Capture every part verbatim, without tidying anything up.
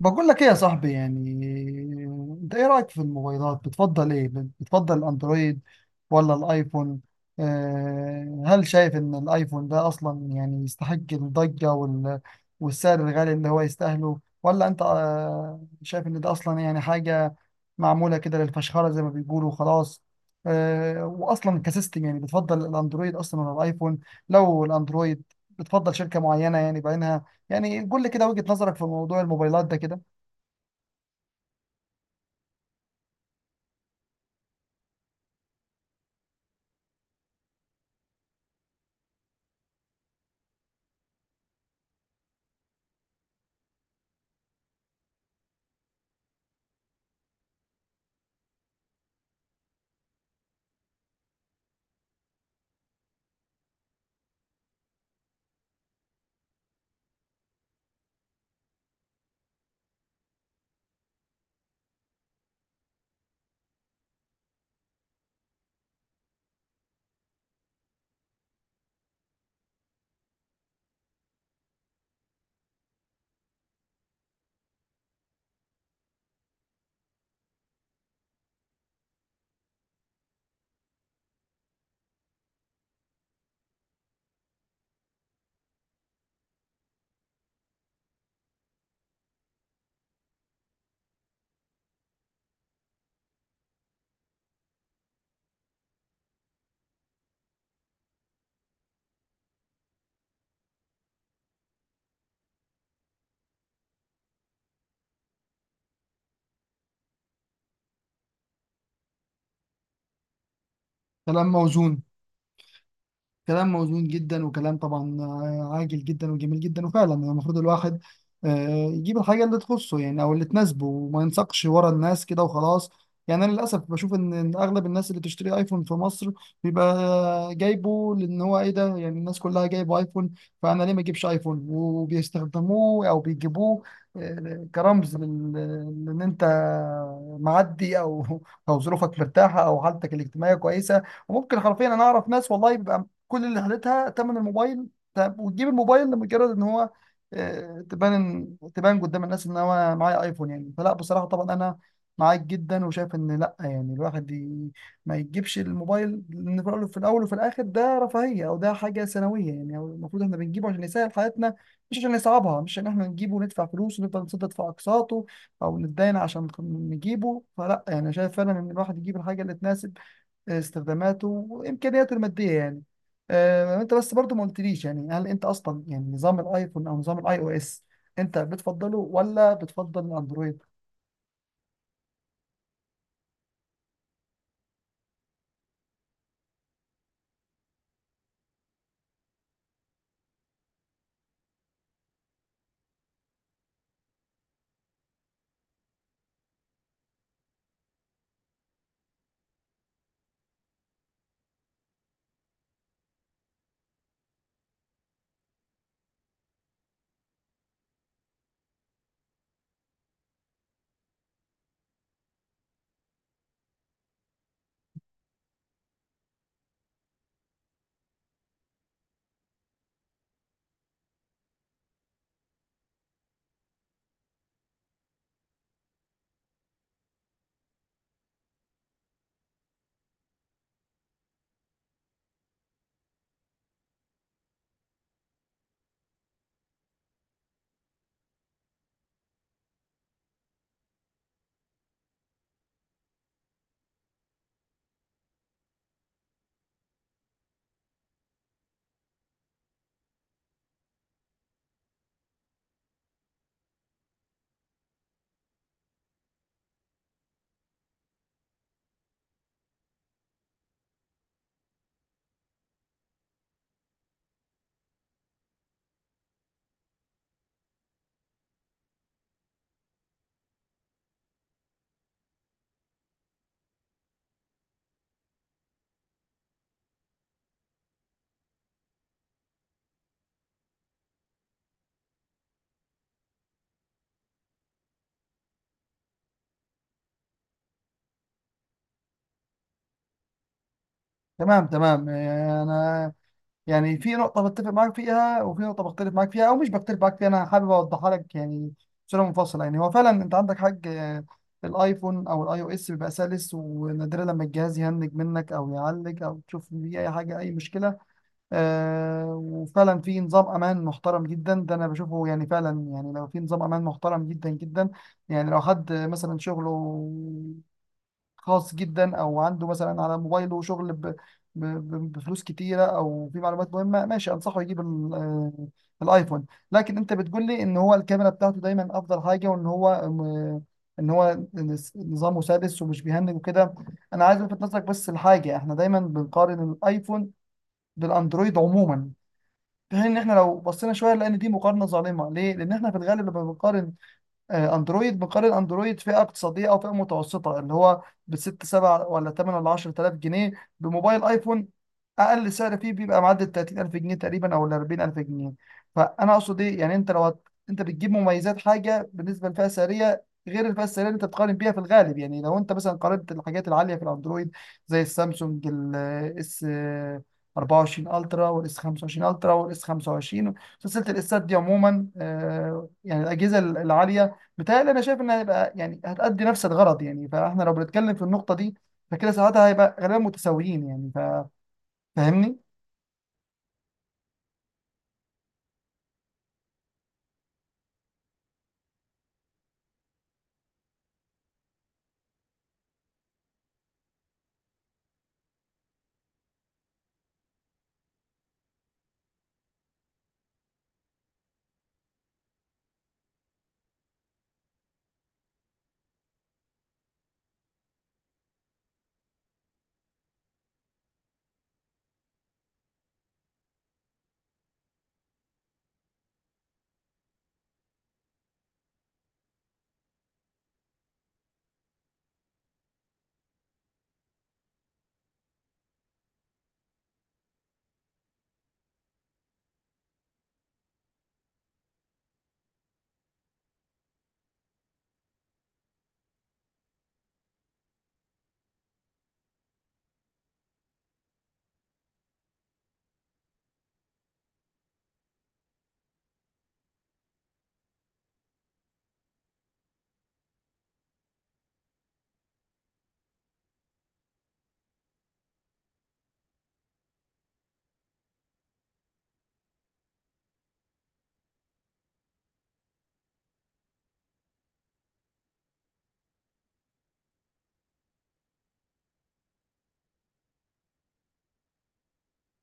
بقول لك ايه يا صاحبي؟ يعني انت ايه رأيك في الموبايلات؟ بتفضل ايه؟ بتفضل الاندرويد ولا الايفون؟ آه هل شايف ان الايفون ده اصلا يعني يستحق الضجة وال... والسعر الغالي اللي هو يستاهله، ولا انت آه شايف ان ده اصلا يعني حاجة معمولة كده للفشخرة زي ما بيقولوا خلاص؟ آه واصلا كسيستم يعني بتفضل الاندرويد اصلا ولا الايفون؟ لو الاندرويد، بتفضل شركة معينة يعني بعينها؟ يعني قول لي كده وجهة نظرك في موضوع الموبايلات ده كده. كلام موزون. كلام موزون جدا، وكلام طبعا آه، عاجل جدا وجميل جدا. وفعلا يعني المفروض الواحد آه، يجيب الحاجة اللي تخصه، يعني أو اللي تناسبه، وما ينساقش ورا الناس كده وخلاص. يعني أنا للأسف بشوف إن إن أغلب الناس اللي بتشتري أيفون في مصر بيبقى جايبه لأن هو إيه، ده يعني الناس كلها جايبه أيفون، فأنا ليه ما أجيبش أيفون؟ وبيستخدموه أو بيجيبوه آه، كرمز لل- لأن أنت معدي أو أو ظروفك مرتاحة أو حالتك الاجتماعية كويسة. وممكن حرفيا انا اعرف ناس والله بيبقى كل اللي خدتها تمن الموبايل. طب وتجيب الموبايل لمجرد ان هو آه، تبان إن- تبان قدام الناس ان هو معايا ايفون؟ يعني فلا، بصراحه طبعا انا معاك جدا، وشايف ان لا، يعني الواحد ي- ما يجيبش الموبايل لان في الأول، في الأول وفي الاخر ده رفاهيه، او ده حاجه ثانويه. يعني أو المفروض احنا بنجيبه عشان يسهل حياتنا، مش عشان يصعبها، مش عشان احنا نجيبه وندفع فلوس ونفضل نسدد في اقساطه او نتداين عشان نجيبه. فلا يعني شايف فعلا ان الواحد يجيب الحاجه اللي تناسب آه، استخداماته وامكانياته الماديه يعني. آه، انت بس برضو ما قلتليش يعني هل انت اصلا يعني نظام الايفون او نظام الاي او اس انت بتفضله ولا بتفضل الاندرويد؟ تمام تمام. آه، انا يعني في نقطة بتفق معاك فيها، وفي نقطة بختلف معاك فيها، او مش بختلف معاك فيها، انا حابب اوضحها لك يعني بصورة منفصلة. يعني هو فعلا انت عندك حاج آه، الايفون او الاي او اس بيبقى سلس، ونادرا لما الجهاز يهنج منك او يعلق او تشوف فيه اي حاجة اي مشكلة. آه، وفعلا في نظام امان محترم جدا، ده انا بشوفه يعني فعلا، يعني لو في نظام امان محترم جدا جدا. يعني لو حد مثلا شغله خاص جدا، او عنده مثلا على موبايله شغل ب- ب- ب- بفلوس كتيره، او في معلومات مهمه، ماشي انصحه يجيب ال- آه، الايفون. لكن انت بتقول لي ان هو الكاميرا بتاعته دايما افضل حاجه، وان هو آه، ان هو نس- نظامه سادس ومش بيهنج وكده. انا عايز الفت نظرك بس لحاجه: احنا دايما بنقارن الايفون بالاندرويد عموما، في حين ان احنا لو بصينا شويه، لان دي مقارنه ظالمه. ليه؟ لان احنا في الغالب لما بنقارن آه، اندرويد، بقال الاندرويد فئه اقتصاديه او فئه متوسطه، اللي هو بست سبع ولا تمن ولا عشر آلاف جنيه، بموبايل ايفون اقل سعر فيه بيبقى معدل تلاتين ألف جنيه تقريبا او ال أربعين ألف جنيه. فانا اقصد ايه يعني؟ انت لو هت... انت بتجيب مميزات حاجه بالنسبه للفئه السعريه غير الفئه السعريه اللي انت بتقارن بيها في الغالب. يعني لو انت مثلا قارنت الحاجات العاليه في الاندرويد زي السامسونج الاس أربعة وعشرين الترا والاس خمسة وعشرون الترا والاس خمسة وعشرون، سلسله الاسات دي عموما آه، يعني الاجهزه العاليه، بتهيألي انا شايف انها هيبقى يعني هتأدي نفس الغرض. يعني فاحنا لو بنتكلم في النقطة دي، فكده ساعتها هيبقى غالبا متساويين يعني. ف- فاهمني؟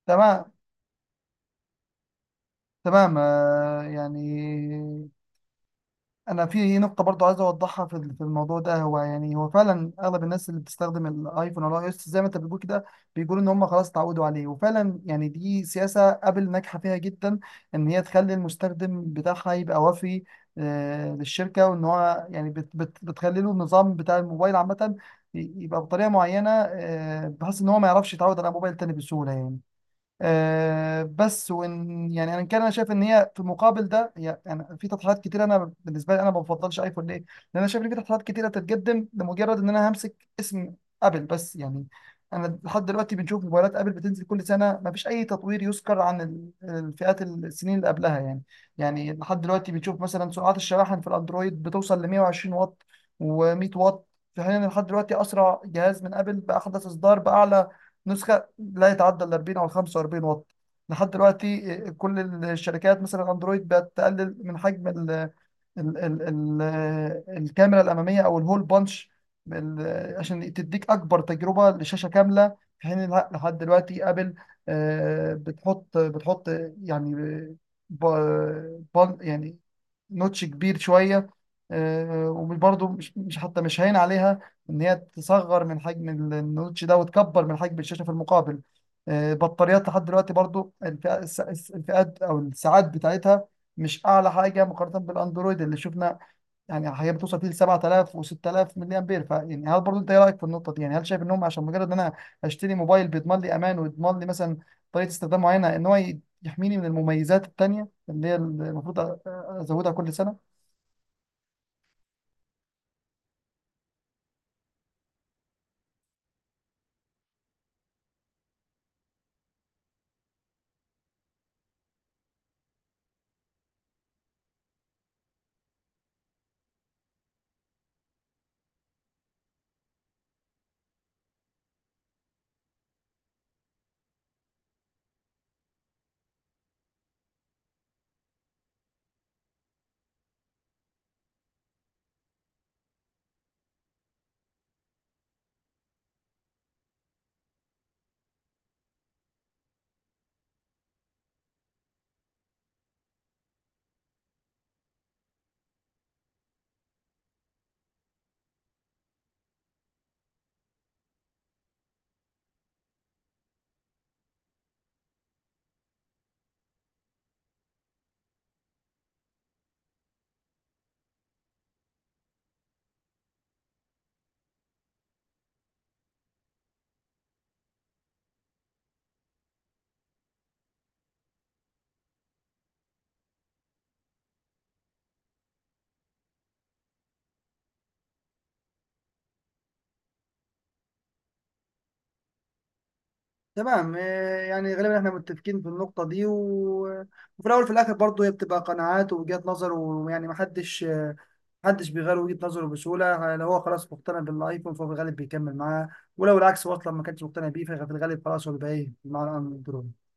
تمام تمام. آه، يعني انا في نقطه برضو عايز اوضحها في ال- في الموضوع ده. هو يعني هو فعلا اغلب الناس اللي بتستخدم الايفون او الاي اس زي ما انت بتقول كده، بيقولوا ان هم خلاص اتعودوا عليه. وفعلا يعني دي سياسه ابل ناجحه فيها جدا، ان هي تخلي المستخدم بتاعها يبقى وفي آه، للشركه، وان هو يعني بت بت بتخلي له النظام بتاع الموبايل عامه ي- يبقى بطريقه معينه، آه، بحيث ان هو ما يعرفش يتعود على موبايل تاني بسهوله يعني. آه، بس وان يعني انا كان انا شايف ان هي في مقابل ده هي يعني في تطلعات كتير. انا بالنسبه لي انا ما بفضلش ايفون، ليه؟ لان انا شايف ان في تطلعات كتيره تتقدم لمجرد ان انا همسك اسم ابل بس يعني. انا لحد دلوقتي بنشوف موبايلات ابل بتنزل كل سنه ما فيش اي تطوير يذكر عن ال- الفئات السنين اللي قبلها يعني. يعني لحد دلوقتي بنشوف مثلا سرعات الشواحن في الاندرويد بتوصل ل 120 واط و100 واط، في حين ان لحد دلوقتي اسرع جهاز من ابل باحدث اصدار باعلى نسخه لا يتعدى ال أربعين او ال خمسة وأربعين واط. لحد دلوقتي آه، كل الشركات مثلا اندرويد بقت تقلل من حجم ال ال ال ال الكاميرا الاماميه او الهول بانش، ال- عشان تديك اكبر تجربه لشاشه كامله، في حين إن لحد دلوقتي ابل آه، بتحط بتحط يعني ب- بان يعني نوتش كبير شويه. آه، وبرضه مش مش- حتى مش هين عليها ان هي تصغر من حجم ال- النوتش ده وتكبر من حجم الشاشه في المقابل. آه، بطاريات لحد دلوقتي برضو الفئة- الس- الس- الفئات او الساعات بتاعتها مش اعلى حاجه مقارنه بالاندرويد اللي شفنا. يعني هي بتوصل فيه ل سبعة آلاف و6000 ملي امبير. فيعني هل برضو انت ايه رايك في النقطه دي؟ يعني هل شايف انهم عشان مجرد ان انا اشتري موبايل بيضمن لي امان، ويضمن لي مثلا طريقه استخدام معينه، ان هو يحميني من المميزات التانيه اللي هي المفروض أ- أ- ازودها كل سنه؟ تمام. آه، يعني غالبا احنا متفقين في النقطة دي و... وفي الأول وفي الآخر برضه هي بتبقى قناعات ووجهات نظر. ويعني محدش آه، محدش بيغير وجهة نظره بسهولة. لو هو خلاص مقتنع بالآيفون فهو في الغالب بيكمل معاه، ولو العكس هو أصلا ما كانش مقتنع بيه ففي الغالب خلاص هو بيبقى إيه مع الأندرويد.